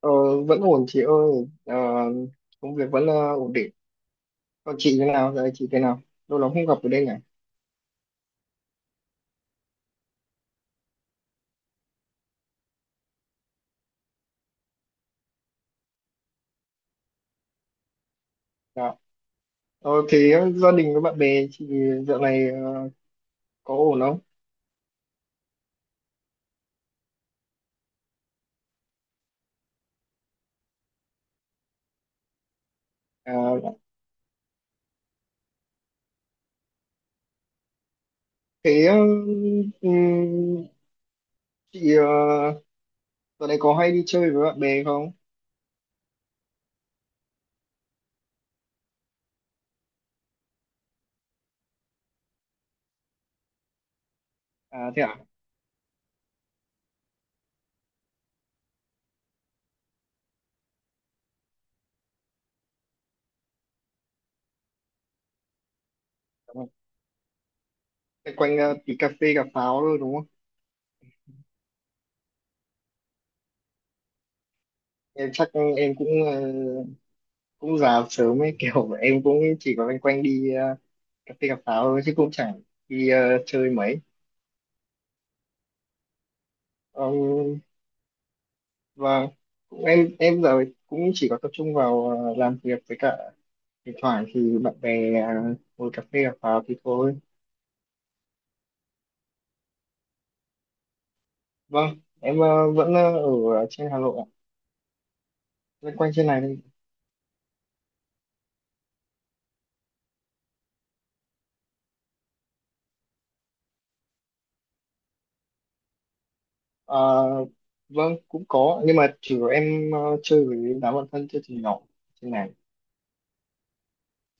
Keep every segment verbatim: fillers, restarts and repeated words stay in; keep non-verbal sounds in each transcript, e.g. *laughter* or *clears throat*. Ờ, vẫn ổn chị ơi. Ờ, công việc vẫn ờ, ổn định. Còn chị thế nào, giờ chị thế nào, lâu lắm không gặp ở đây nhỉ. Dạ. ờ, thế ờ, gia đình với bạn bè chị dạo này ờ, có ổn không? À, thế ờ, ừm, chị ờ, Dạo này có hay đi chơi với bạn bè không? À, thế à. Thế quanh ờ, tí cà phê cà pháo thôi đúng không? Em chắc em cũng ờ, cũng già sớm ấy *laughs* kiểu em cũng chỉ có loanh quanh đi ờ, cà phê cà pháo thôi, chứ cũng chẳng đi ờ, chơi mấy. Ờ, và cũng em em giờ cũng chỉ có tập trung vào ờ, làm việc, với cả thỉnh thoảng thì bạn bè ờ, ngồi cà phê gặp vào thì thôi. Vâng em ờ, vẫn ờ, ở trên Hà Nội ạ, loanh quanh trên này thôi. Ờ, vâng cũng có, nhưng mà chủ yếu em ờ, chơi với đám bạn thân, chơi từ nhỏ trên này.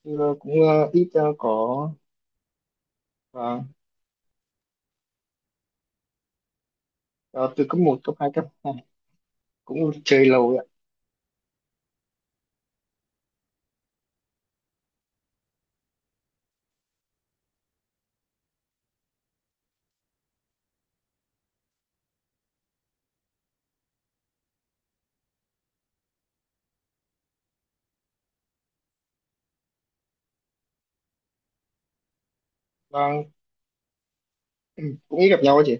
Chứ, ờ, cũng ờ, ít ờ, có và ờ, Từ cấp một cấp hai cấp ba, cũng chơi lâu rồi ạ. Vâng, *clears throat* cũng ít gặp nhau ấy chị.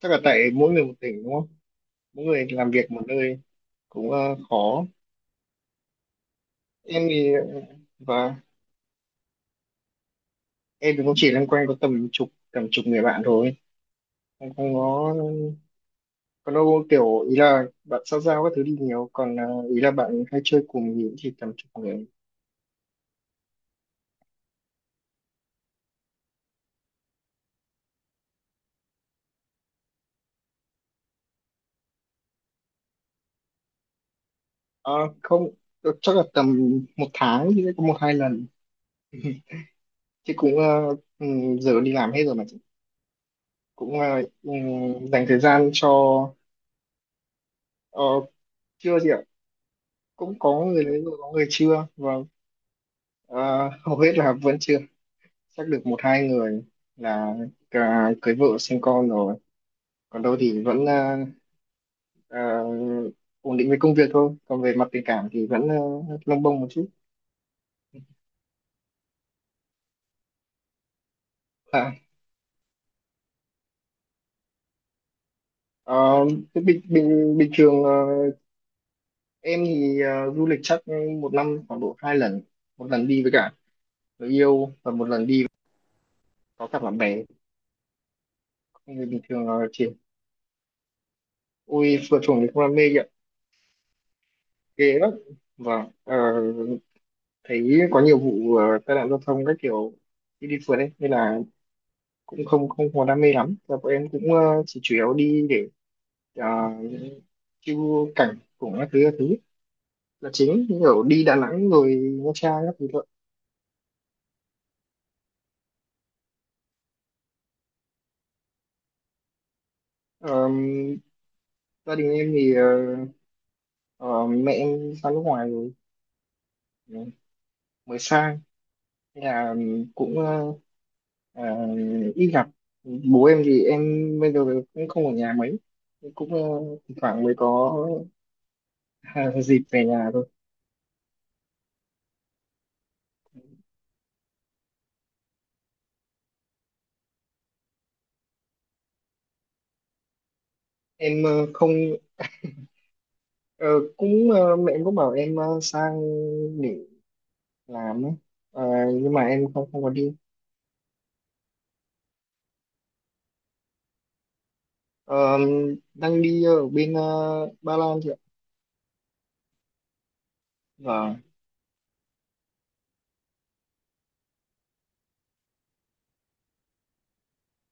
Chắc là tại mỗi người một tỉnh đúng không, mỗi người làm việc một nơi cũng ờ, khó. Em thì và Em thì cũng chỉ loanh quanh có tầm chục tầm chục người bạn thôi, em không có, còn đâu kiểu ý là bạn xã giao các thứ đi nhiều, còn à, ý là bạn hay chơi cùng thì cũng chỉ tầm chục người. à, Không, ờ, chắc là tầm một tháng thì sẽ có một hai lần, chứ cũng à, ừ, giờ đi làm hết rồi mà chị. Cũng à, ừ, dành thời gian cho ờ, chưa gì ạ. Cũng có người lấy rồi có người chưa, và à, *laughs* hầu hết là vẫn chưa, chắc được một hai người là cả cưới vợ sinh con rồi, còn đâu thì vẫn ờ, ờ, ổn định với công việc thôi, còn về mặt tình cảm thì vẫn uh, lông bông một chút. à, ờ, Thế bình bình bình thường ờ, em thì ờ, du lịch chắc một năm khoảng độ hai lần, một lần đi với cả người yêu, và một lần đi có cả bạn bè. Con người bình thường ờ, chỉ, ôi phượt chuồng thì không đam mê vậy, ghê lắm. và ờ, Thấy có nhiều vụ ờ, tai nạn giao thông các kiểu khi đi phượt ấy, nên là cũng không không có đam mê lắm. Và bọn em cũng ờ, chỉ chủ yếu đi để ờ, chiêu cảnh cùng các thứ các thứ là chính, như kiểu đi Đà Nẵng rồi Nha Trang các thứ thôi. Ờ, gia đình em thì ờ, ờ, mẹ em sang nước ngoài rồi, ờ, mới sang. Nên là cũng ờ, ờ, ít gặp. Bố em thì em bây giờ cũng không ở nhà mấy, cũng ờ, thỉnh thoảng mới có *laughs* dịp về nhà thôi. Em ờ, không, ờ, cũng ờ, mẹ em cũng bảo em ờ, sang làm ấy. Ờ, nhưng mà em không không có đi. Ờ, đang đi ở bên ờ, Ba Lan chị ạ. và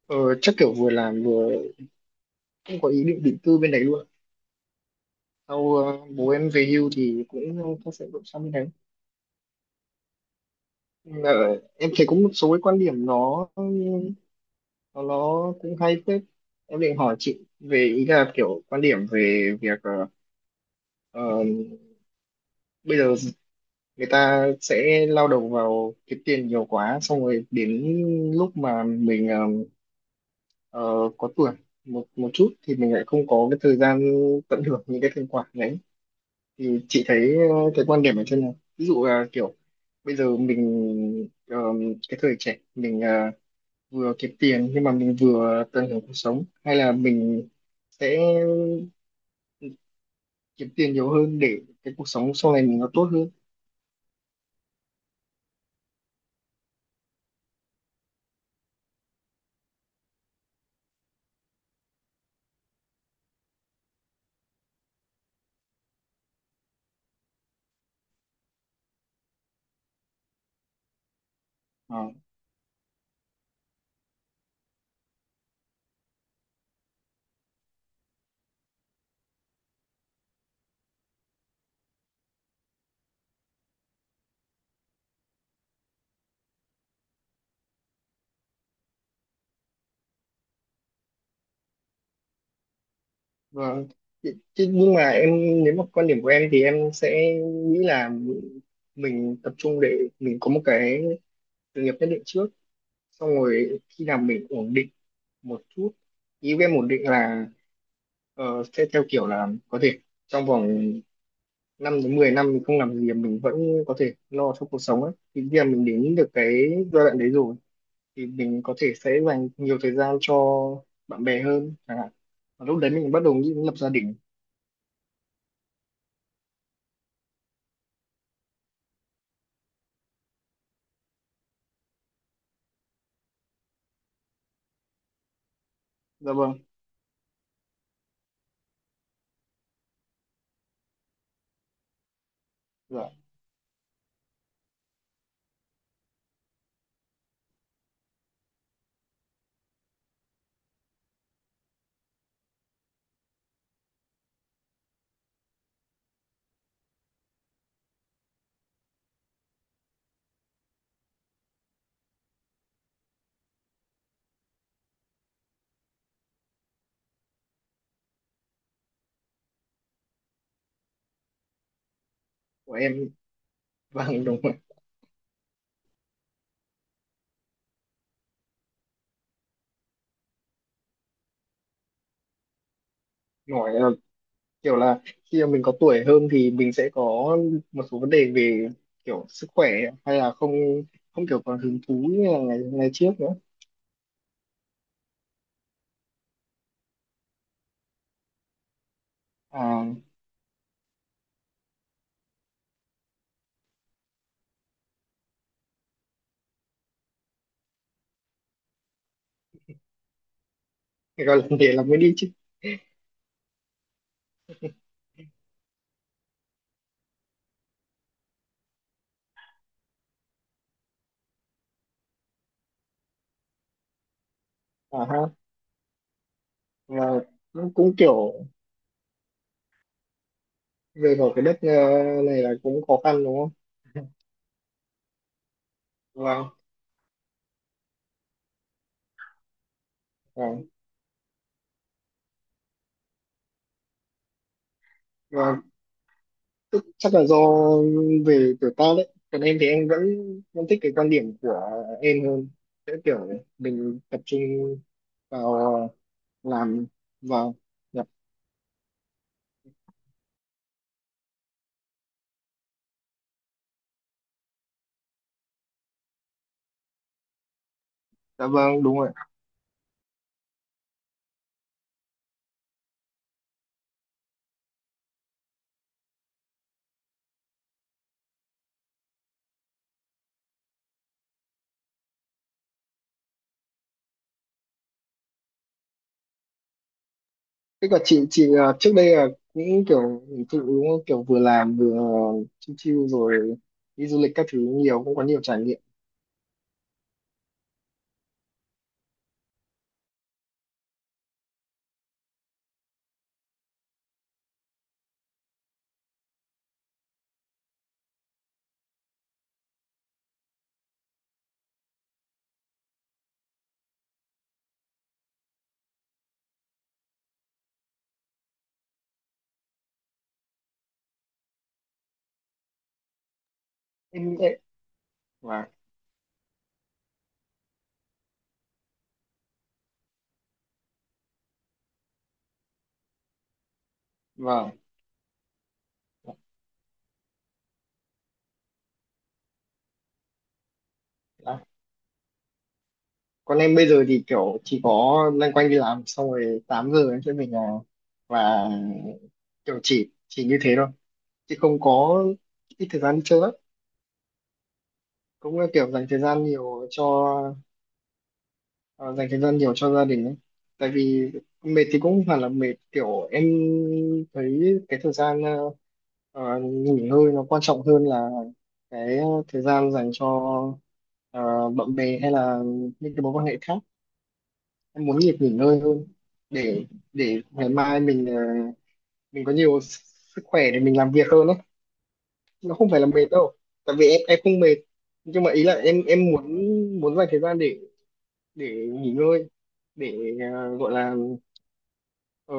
ờ, Chắc kiểu vừa làm vừa cũng có ý định định cư bên đấy luôn. Sau ờ, bố em về hưu thì cũng ờ, có sẽ đổi sang bên đấy. Ờ, em thấy có một số cái quan điểm nó nó nó cũng hay phết. Em định hỏi chị về ý là kiểu quan điểm về việc ờ, ờ, bây giờ người ta sẽ lao đầu vào kiếm tiền nhiều quá, xong rồi đến lúc mà mình ờ, ờ, có tuổi một một chút thì mình lại không có cái thời gian tận hưởng những cái thành quả đấy. Thì chị thấy ờ, cái quan điểm ở trên này, ví dụ là kiểu bây giờ mình ờ, cái thời trẻ mình ờ, vừa kiếm tiền nhưng mà mình vừa tận hưởng cuộc sống, hay là mình sẽ kiếm tiền nhiều hơn để cái cuộc sống sau này mình nó tốt hơn. Ờ, và chứ nhưng mà em, nếu mà quan điểm của em thì em sẽ nghĩ là mình tập trung để mình có một cái sự nghiệp nhất định trước, xong rồi khi nào mình ổn định một chút, ý em ổn định là ờ, sẽ theo kiểu là có thể trong vòng năm đến mười năm mình không làm gì mình vẫn có thể lo cho cuộc sống ấy, thì khi mà mình đến được cái giai đoạn đấy rồi thì mình có thể sẽ dành nhiều thời gian cho bạn bè hơn chẳng hạn, và lúc đấy mình bắt đầu nghĩ đến lập gia đình. Dạ vâng. Dạ của em, vâng đúng rồi. Nói ờ, kiểu là khi mà mình có tuổi hơn thì mình sẽ có một số vấn đề về kiểu sức khỏe, hay là không không kiểu còn hứng thú như là ngày ngày trước nữa. À thì gọi là *laughs* để là mới đi chứ. À ha. và Cũng, cũng kiểu về ở cái đất ờ, này là cũng khó khăn đúng không. Và và, và Tức, chắc là do về tuổi tác đấy. Còn em thì em vẫn vẫn thích cái quan điểm của em hơn, sẽ kiểu mình tập trung vào làm vào. Dạ, dạ vâng, đúng rồi. Thế còn chị chị à, trước đây là những kiểu hình thụ đúng không? Kiểu vừa làm vừa chill chill rồi đi du lịch các thứ nhiều, cũng có nhiều trải nghiệm. Em em và Vâng. Vâng. Đó. Còn em bây giờ thì kiểu chỉ có loanh quanh đi làm, xong rồi tám giờ em sẽ về nhà và kiểu chỉ chỉ như thế thôi. Chứ không có, ít thời gian đi chơi lắm. Cũng là kiểu dành thời gian nhiều cho, à, dành thời gian nhiều cho gia đình ấy. Tại vì mệt thì cũng không phải là mệt, kiểu em thấy cái thời gian ờ, Ờ, nghỉ ngơi nó quan trọng hơn là cái thời gian dành cho ờ, bạn bè, hay là những cái mối quan hệ khác. Em muốn việc nghỉ ngơi hơn, để để ngày mai mình ờ, mình có nhiều s- sức khỏe để mình làm việc hơn đấy. Nó không phải là mệt đâu, tại vì em em không mệt, nhưng mà ý là em em muốn, muốn dành thời gian để để nghỉ ngơi, để ờ, gọi là ờ,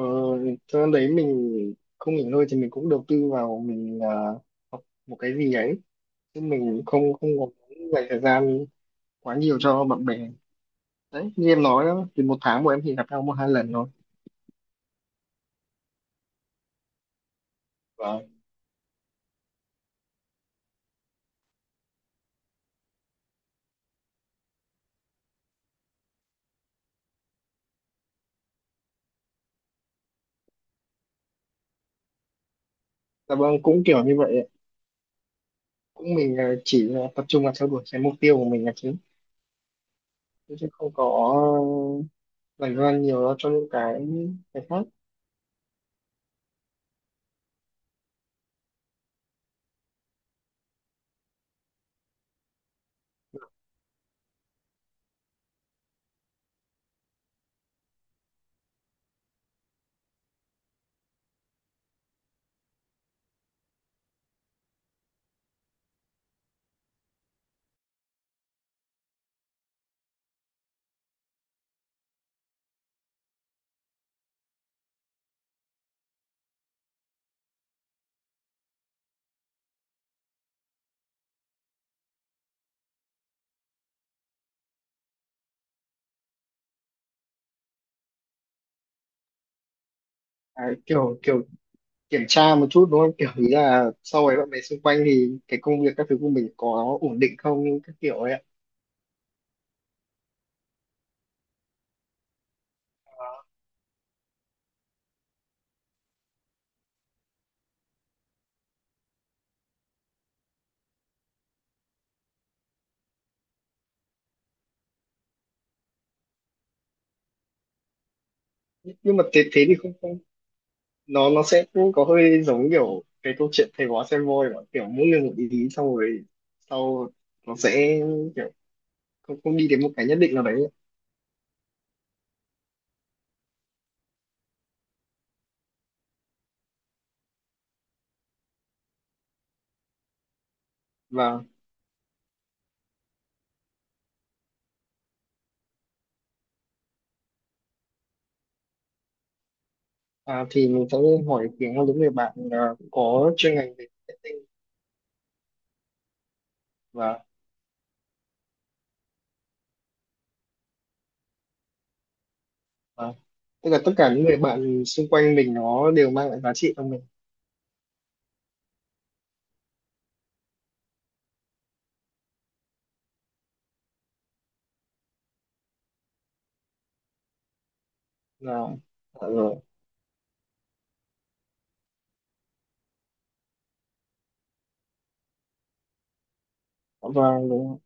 thời gian đấy mình không nghỉ ngơi thì mình cũng đầu tư vào mình ờ, học một cái gì đấy, chứ mình không không có dành thời gian quá nhiều cho bạn bè. Đấy như em nói đó thì một tháng bọn em chỉ gặp nhau một hai lần thôi. Vâng. Dạ vâng, cũng kiểu như vậy ạ. Cũng mình ờ, chỉ là tập trung vào theo đuổi cái mục tiêu của mình là chính, chứ chứ không có dành thời gian nhiều cho những cái cái khác. À, kiểu kiểu kiểm tra một chút đúng không, kiểu ý là so với bạn bè xung quanh thì cái công việc các thứ của mình có ổn định không các kiểu ấy ạ. Nhưng mà thế thế thì không, nó nó sẽ cũng có hơi giống kiểu cái câu chuyện thầy bói xem voi mà, kiểu mỗi người một ý ý, xong rồi sau nó sẽ kiểu không, không đi đến một cái nhất định nào đấy. và à, thì mình sẽ hỏi ý kiến của những người bạn, à, cũng có chuyên ngành về marketing tinh, và à, tức là tất cả những người bạn xung quanh mình nó đều mang lại giá trị cho mình. Là, à, rồi. và Đúng.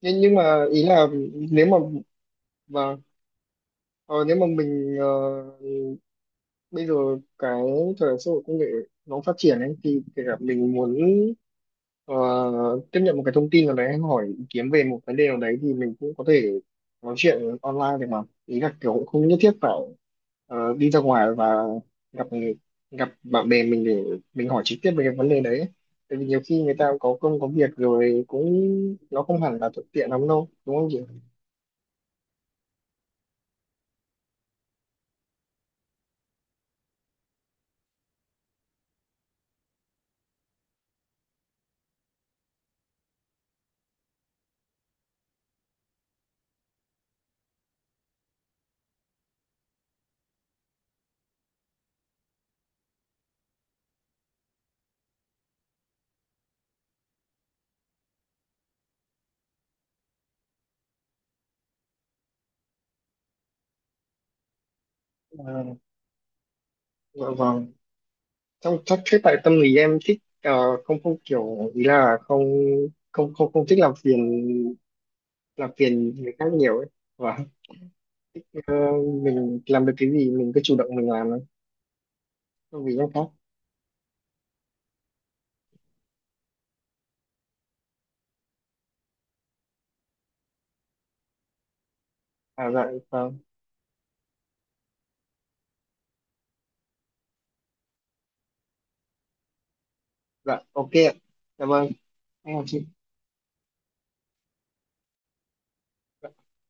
nhưng nhưng mà ý là nếu mà, và ờ, nếu mà mình ờ, bây giờ cái thời đại xã hội công nghệ nó phát triển ấy, thì kể cả mình muốn ờ, tiếp nhận một cái thông tin nào đấy hay hỏi ý kiến về một vấn đề nào đấy, thì mình cũng có thể nói chuyện online được mà. Ý là kiểu cũng không nhất thiết phải ờ, đi ra ngoài và gặp người- gặp bạn bè mình để mình hỏi trực tiếp về cái vấn đề đấy ấy. Tại vì nhiều khi người ta cũng có công có việc rồi, cũng nó không hẳn là thuận tiện lắm đâu đúng không chị. Ờ, dạ vâng. Trong chắc thế, tại tâm lý em thích ờ, không không kiểu ý là không không không không thích làm phiền, làm phiền người khác nhiều ấy. và ờ, mình làm được cái gì mình cứ chủ động mình làm thôi, không vì em khác. À dạ vâng. Dạ ok ạ. Dạ vâng. Em chịu.